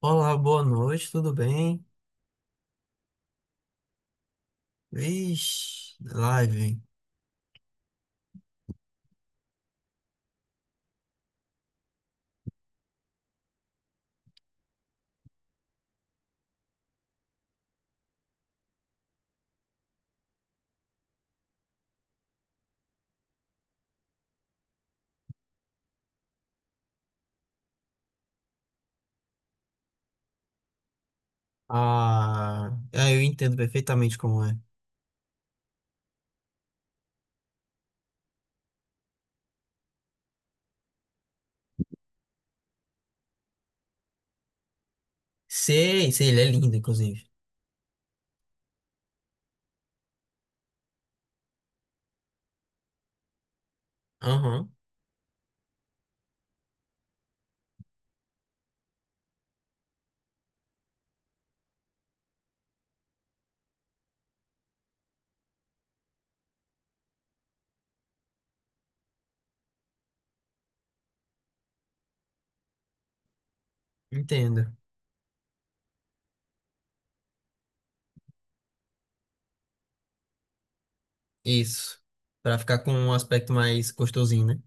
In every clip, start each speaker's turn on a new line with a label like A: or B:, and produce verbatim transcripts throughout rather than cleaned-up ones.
A: Olá, boa noite, tudo bem? Vixe, live. Hein? Ah, é, eu entendo perfeitamente como é. Sei, sei, ele é lindo, inclusive. Aham, entendo. Isso. Pra ficar com um aspecto mais gostosinho, né?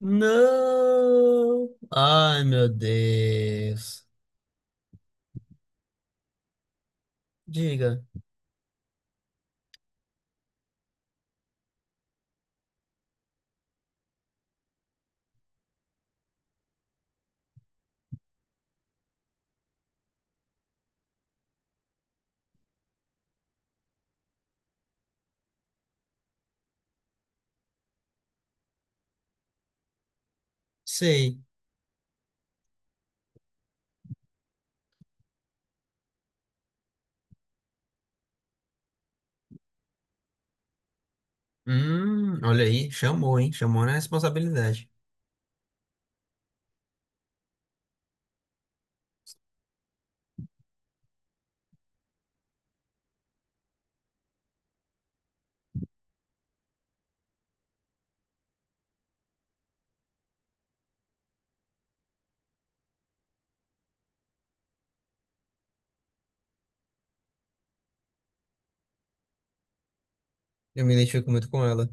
A: Não! Ai, meu Deus. Diga. Sei. Hum, olha aí, chamou, hein? Chamou na responsabilidade. Eu me identifico muito com ela.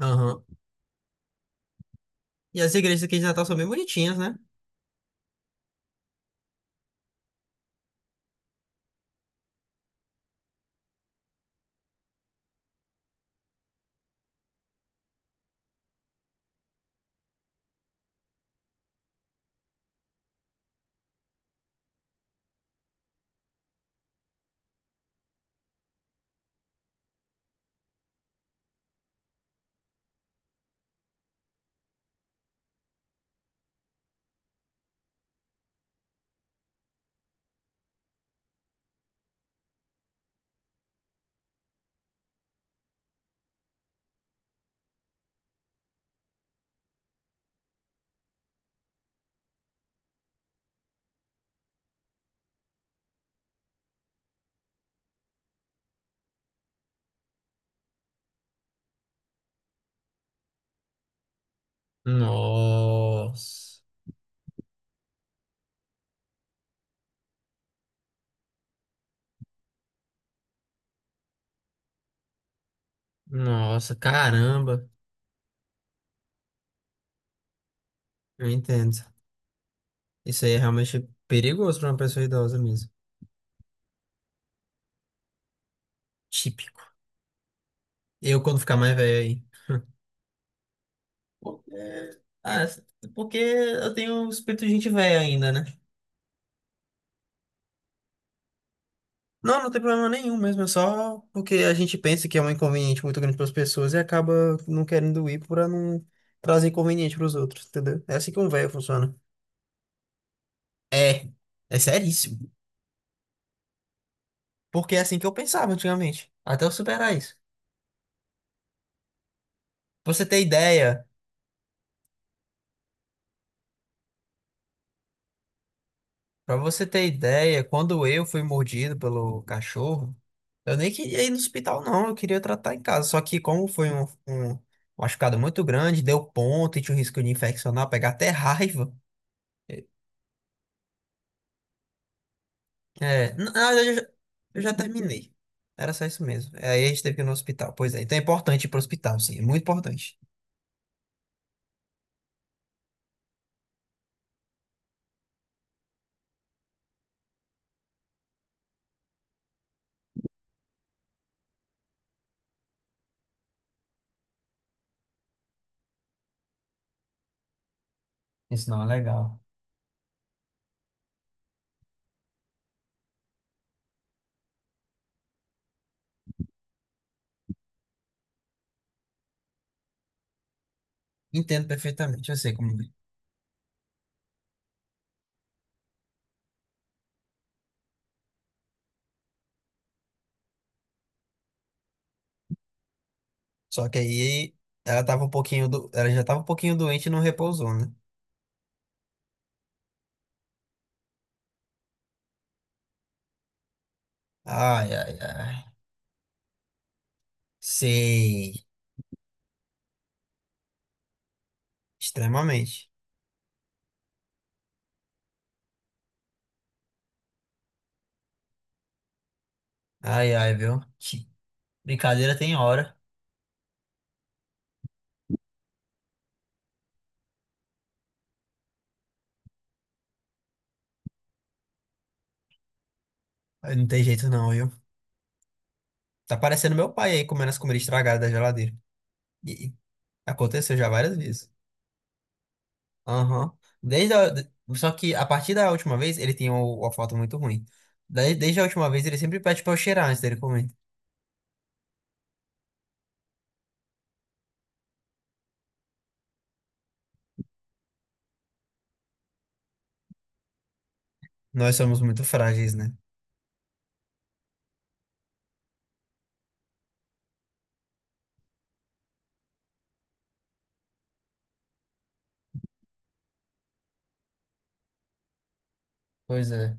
A: Aham. E as igrejas aqui de Natal são bem bonitinhas, né? Nossa. Nossa, caramba. Eu entendo. Isso aí é realmente perigoso pra uma pessoa idosa mesmo. Típico. Eu, quando ficar mais velho aí. Porque, ah, porque eu tenho um espírito de gente velha ainda, né? Não, não tem problema nenhum mesmo, é só porque a gente pensa que é um inconveniente muito grande para as pessoas e acaba não querendo ir para não trazer inconveniente para os outros, entendeu? É assim que um velho funciona. É, é seríssimo. Porque é assim que eu pensava antigamente, até eu superar isso. Pra você ter ideia, para você ter ideia, quando eu fui mordido pelo cachorro, eu nem queria ir no hospital, não, eu queria tratar em casa. Só que como foi um, um machucado muito grande, deu ponto e tinha o risco de infeccionar, pegar até raiva. É, na na verdade, eu já, eu já terminei. Era só isso mesmo. É, aí a gente teve que ir no hospital. Pois é, então é importante ir pro hospital, sim. É muito importante. Isso não é legal. Entendo perfeitamente, eu sei como é. Só que aí ela tava um pouquinho do... ela já tava um pouquinho doente e não repousou, né? Ai, ai, ai. Sei. Extremamente. Ai, ai, viu? Que brincadeira tem hora. Ai, não tem jeito não, viu? Tá parecendo meu pai aí comendo as comidas estragadas da geladeira. E e aconteceu já várias vezes. Aham. Desde a... de- Só que a partir da última vez, ele tinha o- uma foto muito ruim. Daí, desde a última vez, ele sempre pede pra eu cheirar antes dele comer. Nós somos muito frágeis, né? Pois é.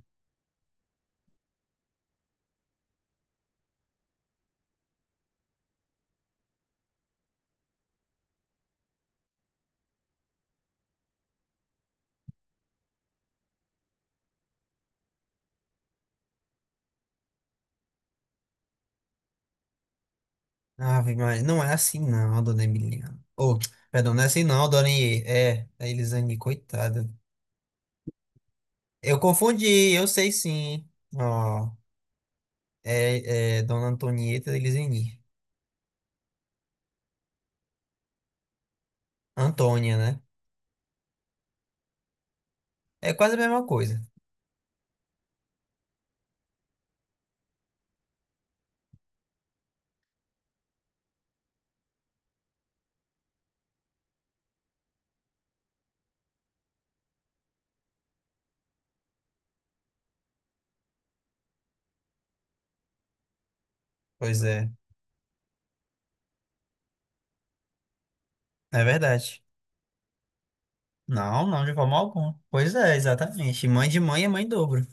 A: Ah, mas não é assim não, dona Emiliana. Ô, perdão, não é assim não, dona I. É, a Elisane, coitada. Eu confundi, eu sei sim. Ó, é, é dona Antonieta Elisane. Antônia, né? É quase a mesma coisa. Pois é, é verdade. Não, não, de forma alguma. Pois é, exatamente. Mãe de mãe é mãe em dobro.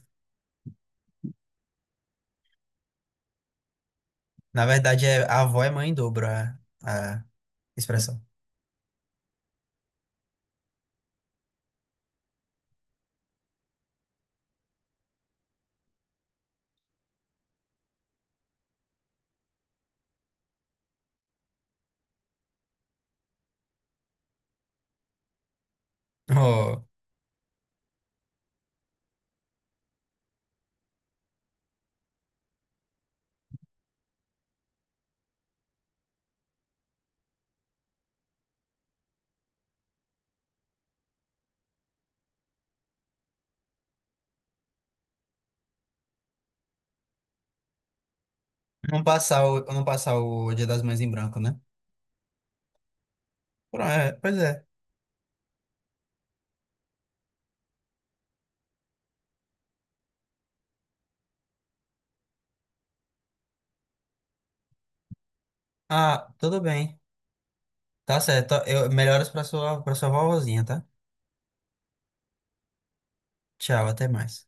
A: Na verdade, é, a avó é mãe em dobro, a, a expressão. Oh, não passar o, não passar o Dia das Mães em branco, né? Pro- é, Pois é. Ah, tudo bem. Tá certo. Eu, melhoras pra sua, pra sua vovozinha, tá? Tchau, até mais.